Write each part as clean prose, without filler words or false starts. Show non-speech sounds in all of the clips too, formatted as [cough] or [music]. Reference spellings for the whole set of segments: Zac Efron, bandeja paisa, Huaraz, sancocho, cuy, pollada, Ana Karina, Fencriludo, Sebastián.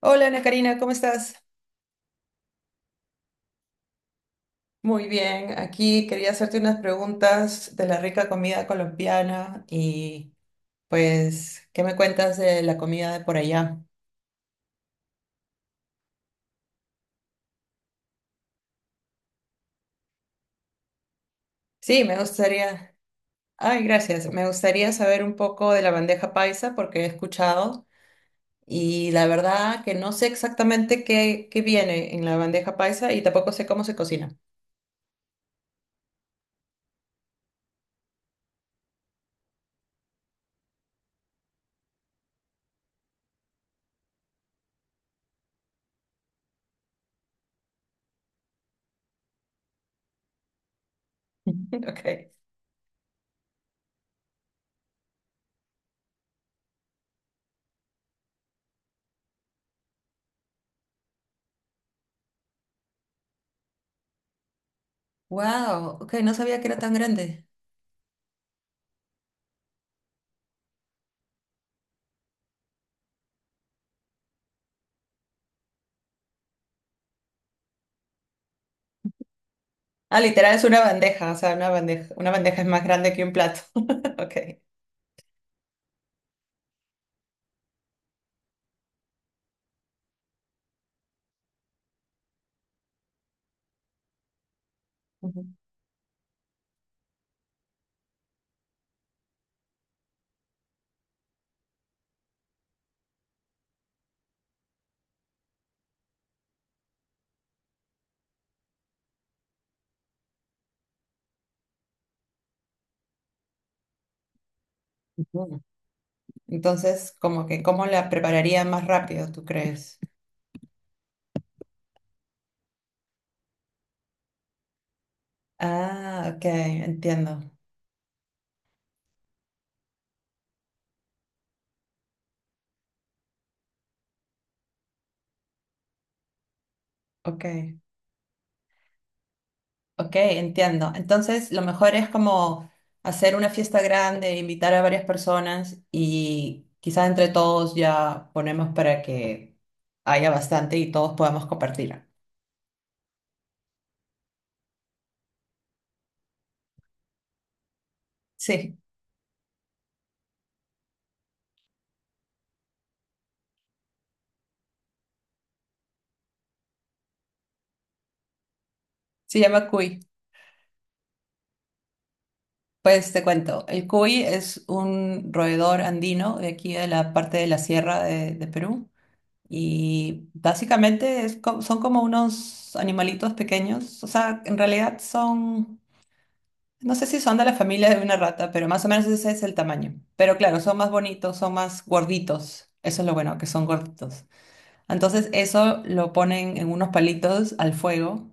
Hola Ana Karina, ¿cómo estás? Muy bien, aquí quería hacerte unas preguntas de la rica comida colombiana y pues, ¿qué me cuentas de la comida de por allá? Sí, me gustaría, ay, gracias, me gustaría saber un poco de la bandeja paisa porque he escuchado. Y la verdad que no sé exactamente qué viene en la bandeja paisa y tampoco sé cómo se cocina. [laughs] Ok. Wow, ok, no sabía que era tan grande. Ah, literal es una bandeja, o sea, una bandeja es más grande que un plato. [laughs] Ok. Ujú. Entonces, como que, ¿cómo la prepararía más rápido, tú crees? [laughs] Ah, ok, entiendo. Ok, ok, entiendo. Entonces, lo mejor es como hacer una fiesta grande, invitar a varias personas y quizás entre todos ya ponemos para que haya bastante y todos podamos compartir. Sí, se llama cuy. Pues te cuento, el cuy es un roedor andino de aquí de la parte de la sierra de Perú. Y básicamente son como unos animalitos pequeños, o sea, en realidad son, no sé si son de la familia de una rata, pero más o menos ese es el tamaño. Pero claro, son más bonitos, son más gorditos, eso es lo bueno, que son gorditos. Entonces eso lo ponen en unos palitos al fuego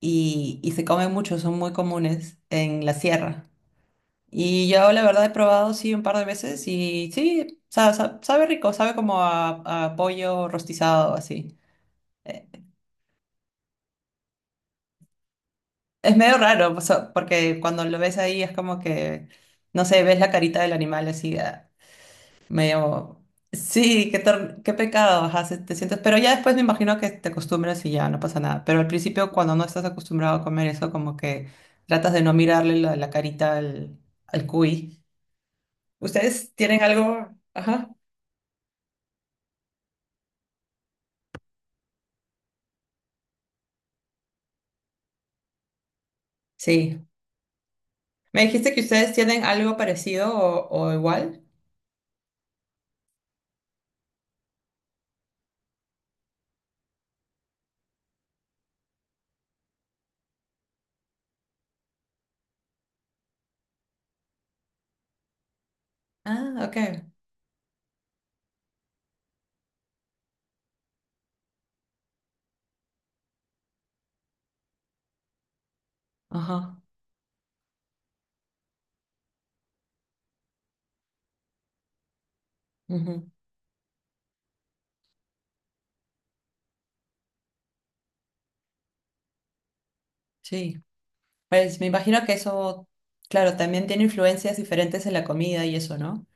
y se comen mucho, son muy comunes en la sierra. Y yo la verdad he probado sí un par de veces y sí, sabe rico, sabe como a pollo rostizado así. Es medio raro, o sea, porque cuando lo ves ahí es como que, no sé, ves la carita del animal así, ah, medio, sí, qué pecado, ajá, te sientes, pero ya después me imagino que te acostumbras y ya no pasa nada, pero al principio cuando no estás acostumbrado a comer eso, como que tratas de no mirarle la carita al cuy. ¿Ustedes tienen algo? Ajá. Sí. ¿Me dijiste que ustedes tienen algo parecido o igual? Ah, ok. Ajá. Ujú. Sí. Pues me imagino que eso, claro, también tiene influencias diferentes en la comida y eso, ¿no?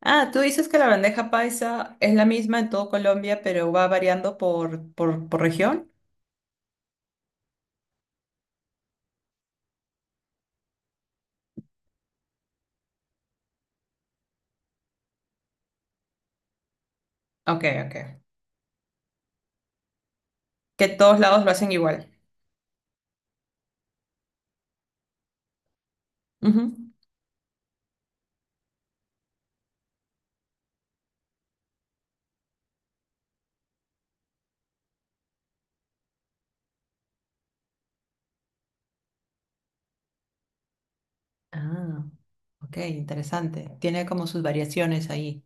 Ah, tú dices que la bandeja paisa es la misma en todo Colombia, pero va variando por región. Ok, ok. Que todos lados lo hacen igual. Ujú. Ah, ok, interesante. Tiene como sus variaciones ahí.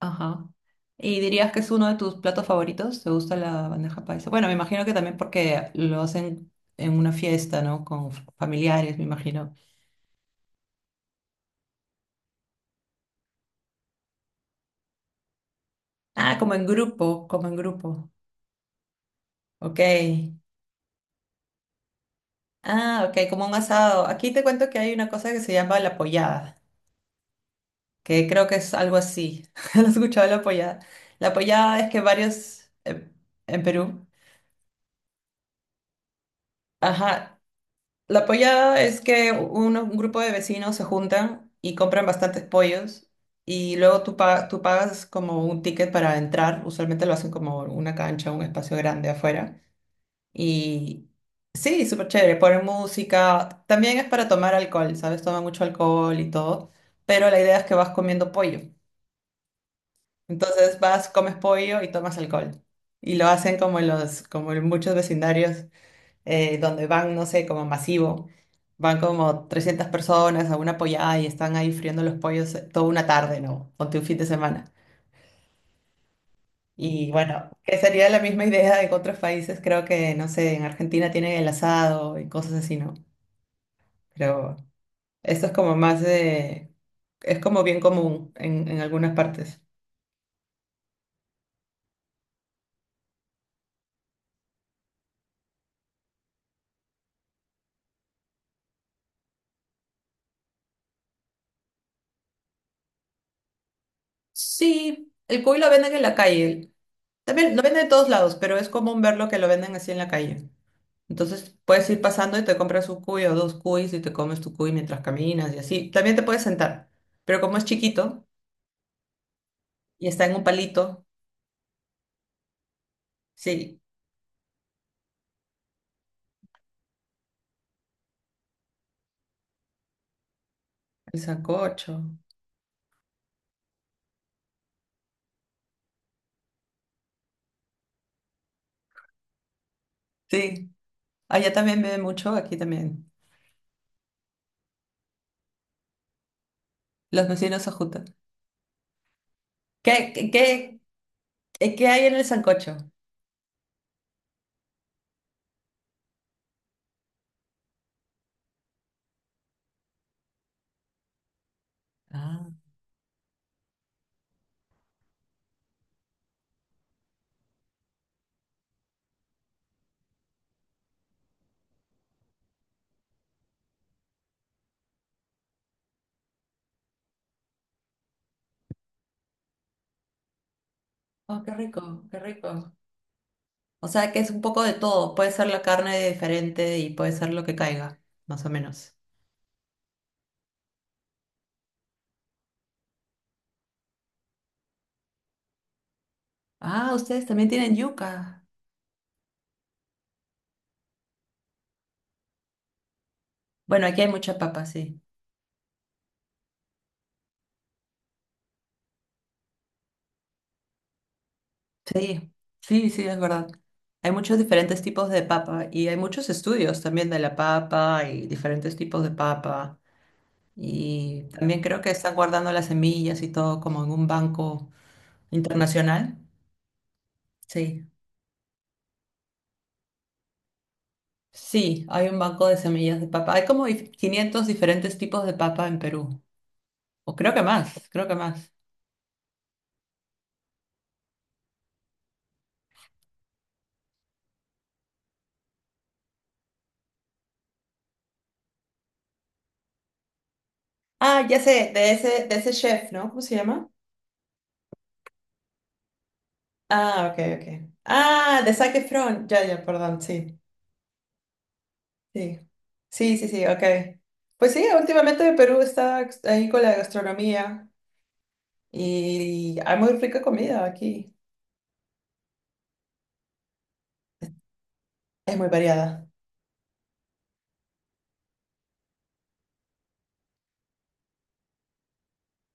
Ajá. ¿Y dirías que es uno de tus platos favoritos? ¿Te gusta la bandeja paisa? Bueno, me imagino que también porque lo hacen en una fiesta, ¿no? Con familiares, me imagino. Ah, como en grupo, como en grupo. Ok. Ah, ok, como un asado. Aquí te cuento que hay una cosa que se llama la pollada, que creo que es algo así. [laughs] ¿Has escuchado la pollada? La pollada es que varios, en Perú, ajá, la pollada es que un grupo de vecinos se juntan y compran bastantes pollos y luego tú pagas como un ticket para entrar, usualmente lo hacen como una cancha, un espacio grande afuera. Y sí, súper chévere, poner música. También es para tomar alcohol, ¿sabes? Toma mucho alcohol y todo. Pero la idea es que vas comiendo pollo. Entonces vas, comes pollo y tomas alcohol. Y lo hacen como en los, como en muchos vecindarios donde van, no sé, como masivo. Van como 300 personas a una pollada y están ahí friendo los pollos toda una tarde, ¿no? Ponte un fin de semana. Y bueno, que sería la misma idea en otros países. Creo que, no sé, en Argentina tienen el asado y cosas así, ¿no? Pero esto es como más de. Es como bien común en algunas partes. Sí, el cuy lo venden en la calle. También lo venden de todos lados, pero es común verlo que lo venden así en la calle. Entonces puedes ir pasando y te compras un cuy o dos cuys y te comes tu cuy mientras caminas y así. También te puedes sentar, pero como es chiquito y está en un palito, sí, el sancocho. Sí, allá también beben mucho, aquí también. Los vecinos se juntan. ¿Qué, qué, qué, qué hay en el sancocho? Ah. Oh, qué rico, qué rico. O sea que es un poco de todo. Puede ser la carne diferente y puede ser lo que caiga, más o menos. Ah, ustedes también tienen yuca. Bueno, aquí hay mucha papa, sí. Sí, sí, sí, es verdad. Hay muchos diferentes tipos de papa y hay muchos estudios también de la papa y diferentes tipos de papa. Y también creo que están guardando las semillas y todo como en un banco internacional. Sí. Sí, hay un banco de semillas de papa. Hay como 500 diferentes tipos de papa en Perú. O creo que más, creo que más. Ah, ya sé, de ese chef, ¿no? ¿Cómo se llama? Ah, ok, ok. Ah, de Zac Efron. Ya, ya, perdón, sí. Sí, sí, sí, sí, ok. Pues sí, últimamente Perú está ahí con la gastronomía y hay muy rica comida aquí. Es muy variada.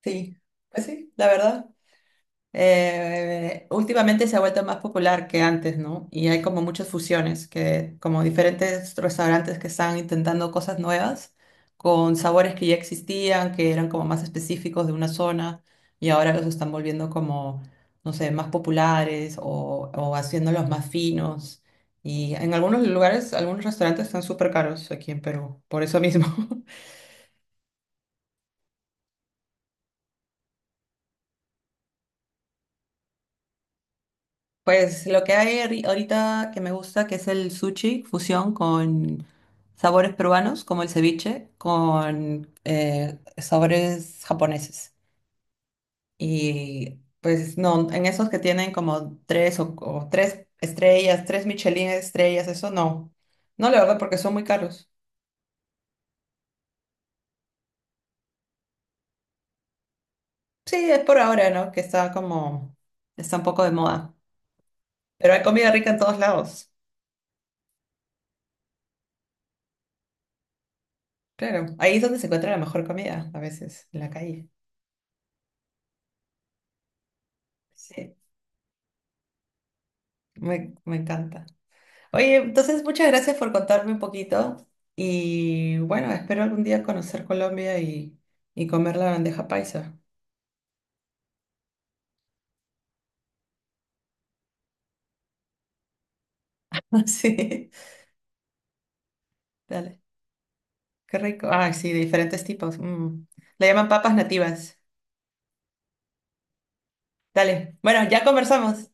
Sí, pues sí, la verdad. Últimamente se ha vuelto más popular que antes, ¿no? Y hay como muchas fusiones, que, como diferentes restaurantes que están intentando cosas nuevas con sabores que ya existían, que eran como más específicos de una zona y ahora los están volviendo como, no sé, más populares o haciéndolos más finos. Y en algunos lugares, algunos restaurantes están súper caros aquí en Perú, por eso mismo. [laughs] Pues lo que hay ahorita que me gusta, que es el sushi fusión con sabores peruanos, como el ceviche, con sabores japoneses. Y pues no, en esos que tienen como tres o tres estrellas, tres Michelin estrellas, eso no. No, la verdad, porque son muy caros. Sí, es por ahora, ¿no? Que está como, está un poco de moda. Pero hay comida rica en todos lados. Claro, ahí es donde se encuentra la mejor comida, a veces, en la calle. Sí. Me encanta. Oye, entonces muchas gracias por contarme un poquito y bueno, espero algún día conocer Colombia y comer la bandeja paisa. [laughs] Sí, dale, qué rico. Ay, sí, de diferentes tipos. Mm. Le llaman papas nativas. Dale, bueno, ya conversamos.